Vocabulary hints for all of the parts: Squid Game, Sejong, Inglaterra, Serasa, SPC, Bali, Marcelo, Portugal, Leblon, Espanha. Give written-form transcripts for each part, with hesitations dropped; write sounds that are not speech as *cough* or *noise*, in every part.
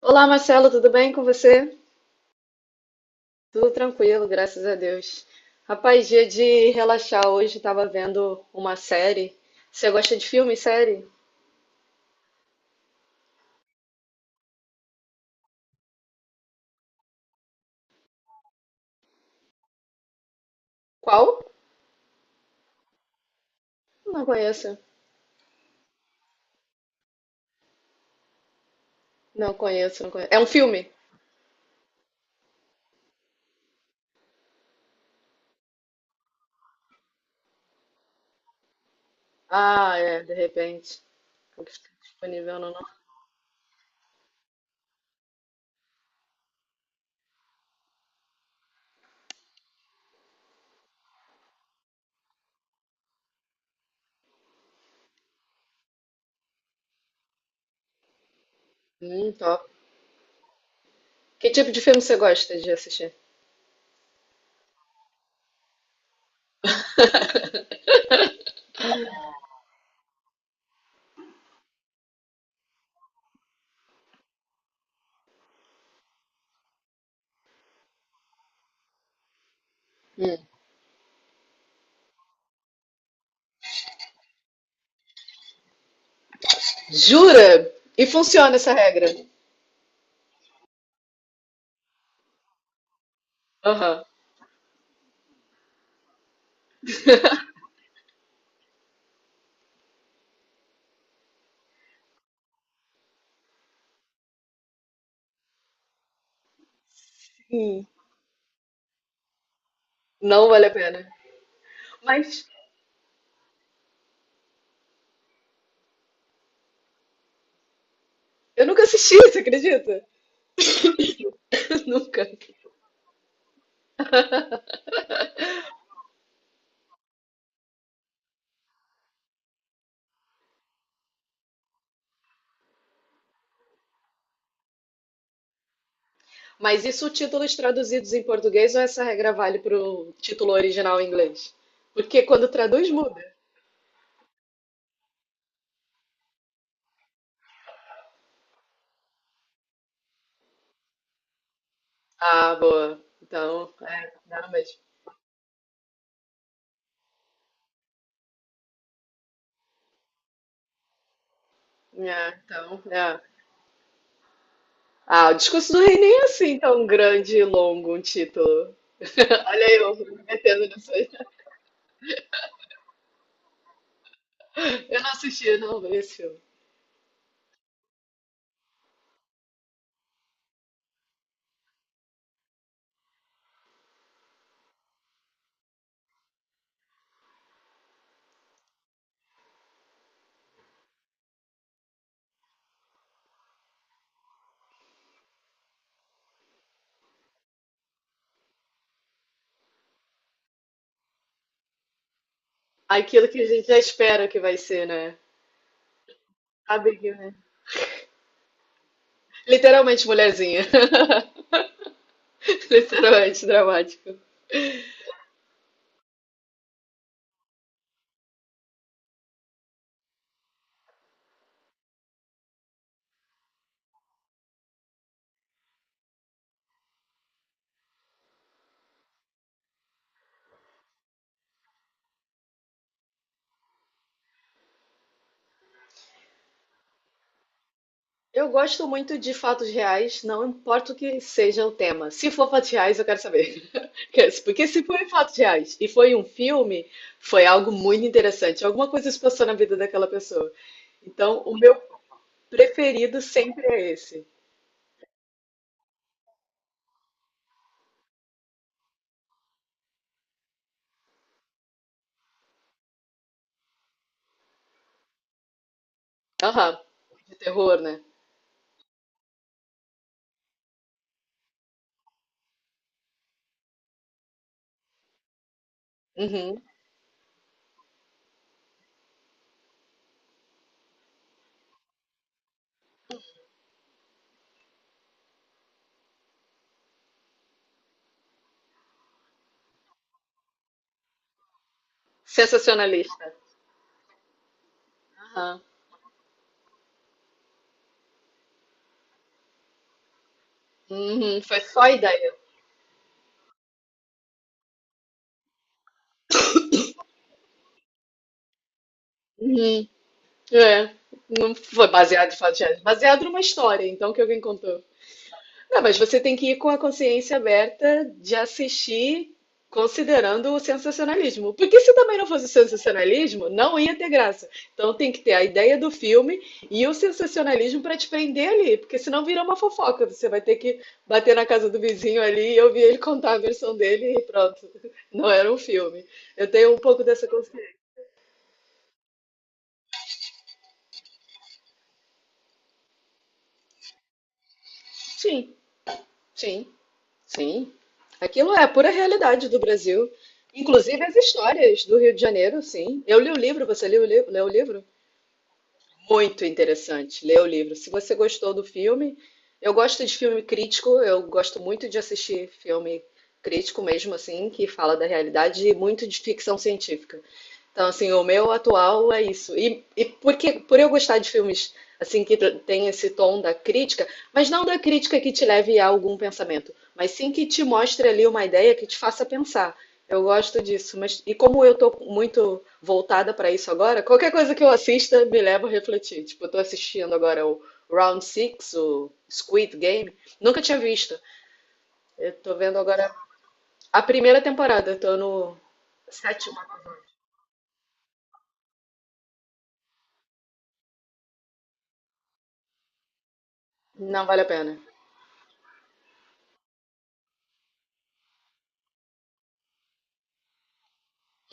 Olá, Marcelo, tudo bem com você? Tudo tranquilo, graças a Deus. Rapaz, dia de relaxar hoje, tava vendo uma série. Você gosta de filme, série? Qual? Não conheço. Não conheço, não conheço. É um filme? Ah, é, de repente. Tem que ficar disponível no não. Top. Que tipo de filme você gosta de assistir? Hum. Jura? E funciona essa regra? Aham. Hum. Não vale a pena. Mas eu nunca assisti, você acredita? *laughs* Nunca. Mas isso títulos traduzidos em português ou essa regra vale para o título original em inglês? Porque quando traduz muda. Ah, boa. Então, é, não, mas. É, então, é. Ah, o discurso do rei nem é assim tão grande e longo um título. *laughs* Olha eu, me metendo nisso aí. Eu não assisti, não, vi esse filme. Aquilo que a gente já espera que vai ser, né? A que, né? Literalmente mulherzinha. *laughs* Literalmente dramático. Eu gosto muito de fatos reais, não importa o que seja o tema. Se for fatos reais, eu quero saber. *laughs* Porque se foi fatos reais e foi um filme, foi algo muito interessante. Alguma coisa se passou na vida daquela pessoa. Então, o meu preferido sempre é esse. Aham. De terror, né? Uhum. Sensacionalista. Aham. Uhum. Foi só a ideia. Uhum. É. Foi baseado em fatos reais. Baseado numa história, então, que alguém contou. Não, mas você tem que ir com a consciência aberta de assistir considerando o sensacionalismo. Porque se também não fosse o sensacionalismo, não ia ter graça. Então tem que ter a ideia do filme e o sensacionalismo para te prender ali, porque senão vira uma fofoca. Você vai ter que bater na casa do vizinho ali e ouvir ele contar a versão dele e pronto. *laughs* Não era um filme. Eu tenho um pouco dessa consciência. Sim, sim. Sim, aquilo é a pura realidade do Brasil. Inclusive as histórias do Rio de Janeiro, sim. Eu li o livro, você leu o livro? Muito interessante, leu o livro. Se você gostou do filme, eu gosto de filme crítico, eu gosto muito de assistir filme crítico mesmo, assim, que fala da realidade e muito de ficção científica. Então, assim, o meu atual é isso. E porque, por eu gostar de filmes assim que tem esse tom da crítica, mas não da crítica que te leve a algum pensamento, mas sim que te mostre ali uma ideia que te faça pensar. Eu gosto disso, mas e como eu tô muito voltada para isso agora, qualquer coisa que eu assista me leva a refletir. Tipo, eu tô assistindo agora o Round Six, o Squid Game, nunca tinha visto. Eu tô vendo agora a primeira temporada, tô no sétimo. Não vale a pena.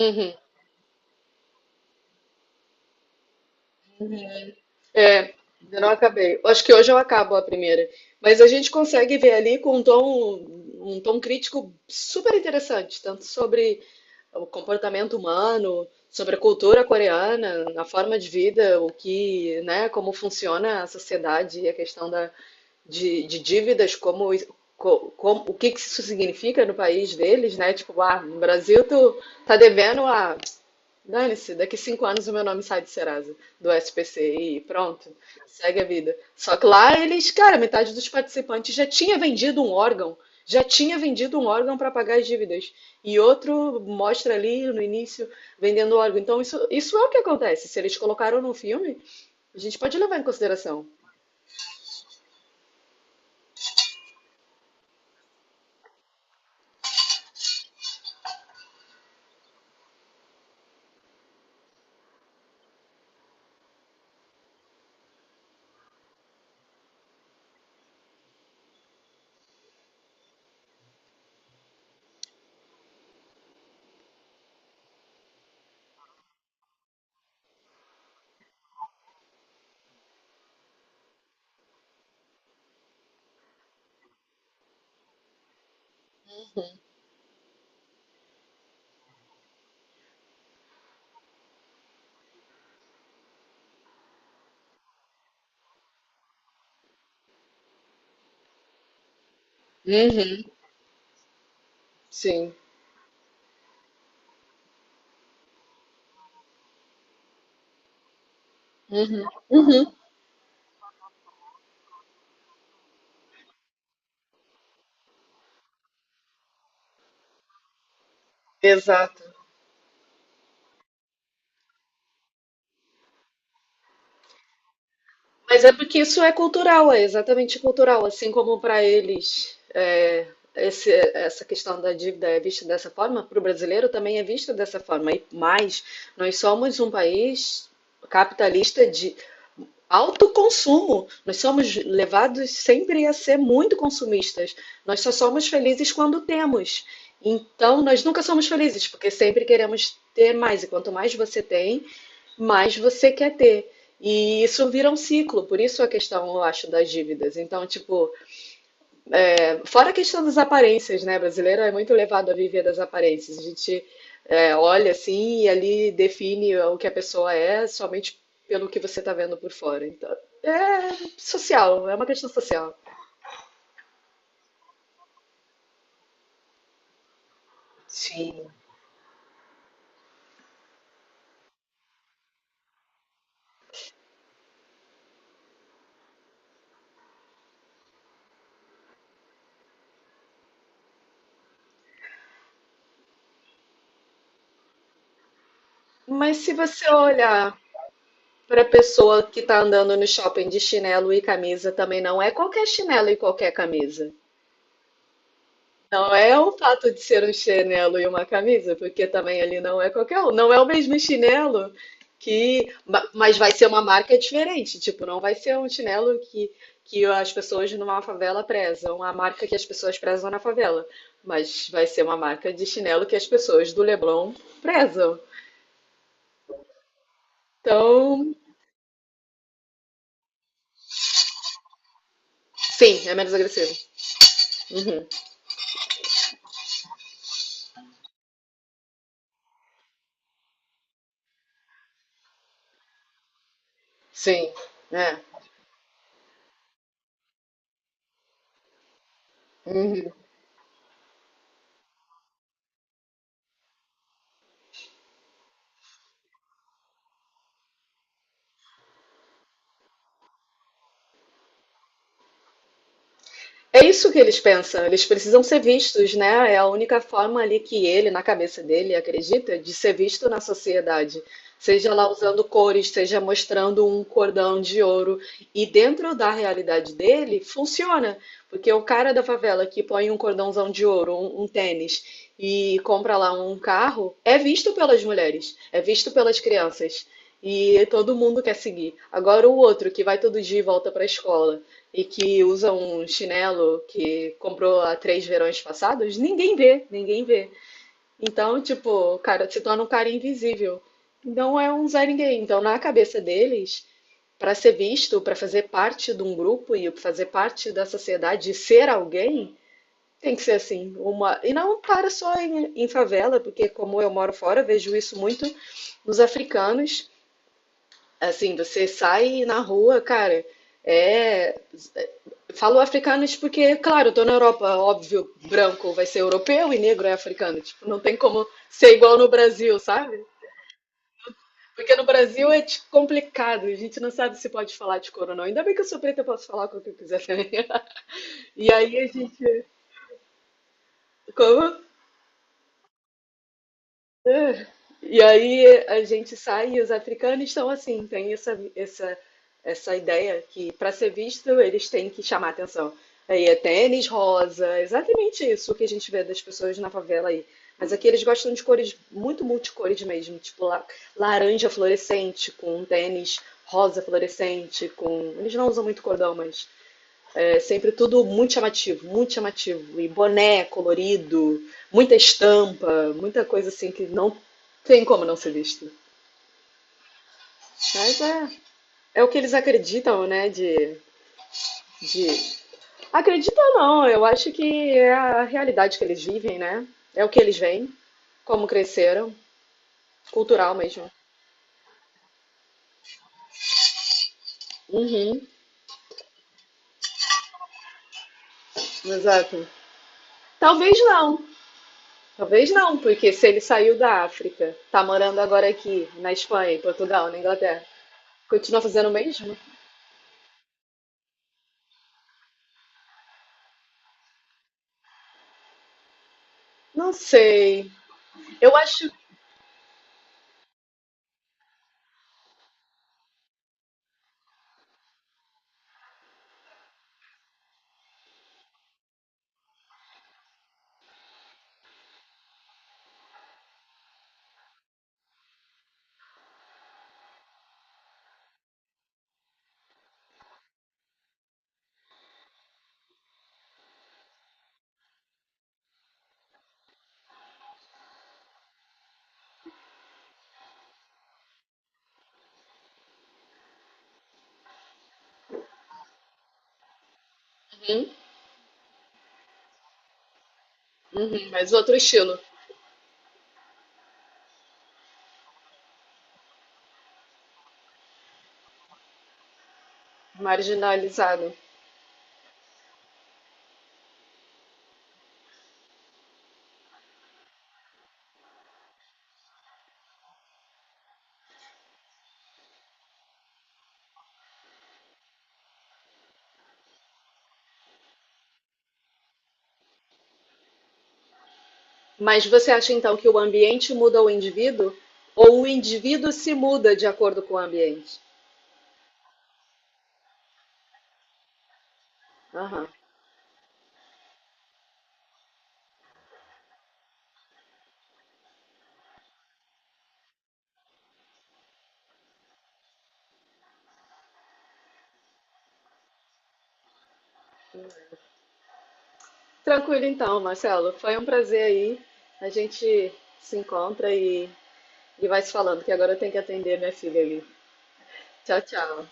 Uhum. É, ainda não acabei. Acho que hoje eu acabo a primeira. Mas a gente consegue ver ali com um tom crítico super interessante, tanto sobre o comportamento humano, sobre a cultura coreana, a forma de vida, o que, né, como funciona a sociedade e a questão de dívidas, como, o que que isso significa no país deles, né? Tipo, ah, no Brasil tu tá devendo dane-se, daqui 5 anos o meu nome sai do Serasa, do SPC e pronto, segue a vida. Só que lá eles, cara, metade dos participantes já tinha vendido um órgão, já tinha vendido um órgão para pagar as dívidas. E outro mostra ali no início vendendo órgão. Então isso é o que acontece. Se eles colocaram no filme, a gente pode levar em consideração. Uhum, sim. Uhum, uhum. Exato. Mas é porque isso é cultural, é exatamente cultural, assim como para eles é, essa questão da dívida é vista dessa forma, para o brasileiro também é vista dessa forma. E mais, nós somos um país capitalista de alto consumo. Nós somos levados sempre a ser muito consumistas. Nós só somos felizes quando temos. Então, nós nunca somos felizes, porque sempre queremos ter mais. E quanto mais você tem, mas você quer ter. E isso vira um ciclo, por isso a questão, eu acho, das dívidas. Então, tipo, é, fora a questão das aparências, né? Brasileiro é muito levado a viver das aparências. A gente é, olha assim e ali define o que a pessoa é somente pelo que você está vendo por fora. Então, é social, é uma questão social. Sim. Mas se você olhar para a pessoa que está andando no shopping de chinelo e camisa, também não é qualquer chinelo e qualquer camisa. Não é o fato de ser um chinelo e uma camisa, porque também ali não é qualquer um. Não é o mesmo chinelo mas vai ser uma marca diferente. Tipo, não vai ser um chinelo que as pessoas numa favela prezam, a marca que as pessoas prezam na favela. Mas vai ser uma marca de chinelo que as pessoas do Leblon prezam. Então, sim, é menos agressivo. Uhum. Sim, é. Uhum. É isso que eles pensam, eles precisam ser vistos, né? É a única forma ali que ele, na cabeça dele, acredita, de ser visto na sociedade. Seja lá usando cores, seja mostrando um cordão de ouro. E dentro da realidade dele, funciona. Porque o cara da favela que põe um cordãozão de ouro, um tênis, e compra lá um carro, é visto pelas mulheres, é visto pelas crianças. E todo mundo quer seguir. Agora o outro que vai todo dia e volta para a escola e que usa um chinelo que comprou há 3 verões passados, ninguém vê, ninguém vê. Então, tipo, o cara se torna um cara invisível. Não é um Zé Ninguém. Então, na cabeça deles, para ser visto, para fazer parte de um grupo e fazer parte da sociedade, e ser alguém, tem que ser assim, uma. E não para só em favela, porque como eu moro fora, vejo isso muito nos africanos. Assim, você sai na rua, cara, é. Falo africano isso porque, claro, eu tô na Europa, óbvio, branco vai ser europeu e negro é africano. Tipo, não tem como ser igual no Brasil, sabe? Porque no Brasil é tipo, complicado, a gente não sabe se pode falar de cor ou não. Ainda bem que eu sou preta, eu posso falar com o que eu quiser também. *laughs* E aí a gente. Como? E aí a gente sai e os africanos estão assim, tem essa ideia que para ser visto eles têm que chamar atenção. Aí é tênis rosa, exatamente isso que a gente vê das pessoas na favela aí. Mas aqui eles gostam de cores muito multicores mesmo, tipo laranja fluorescente com tênis rosa fluorescente com, eles não usam muito cordão, mas é sempre tudo muito chamativo, muito chamativo. E boné colorido, muita estampa, muita coisa assim que não tem como não ser visto. Mas é, é o que eles acreditam, né? De... Acredita ou não, eu acho que é a realidade que eles vivem, né? É o que eles veem, como cresceram, cultural mesmo. Uhum, exato. Talvez não, talvez não, porque se ele saiu da África, tá morando agora aqui, na Espanha, em Portugal, na Inglaterra, continua fazendo o mesmo? Não sei. Eu acho. Uhum, uhum, mas outro estilo, marginalizado. Mas você acha então que o ambiente muda o indivíduo? Ou o indivíduo se muda de acordo com o ambiente? Aham. Tranquilo então, Marcelo. Foi um prazer aí. A gente se encontra e vai se falando, que agora eu tenho que atender minha filha ali. Tchau, tchau.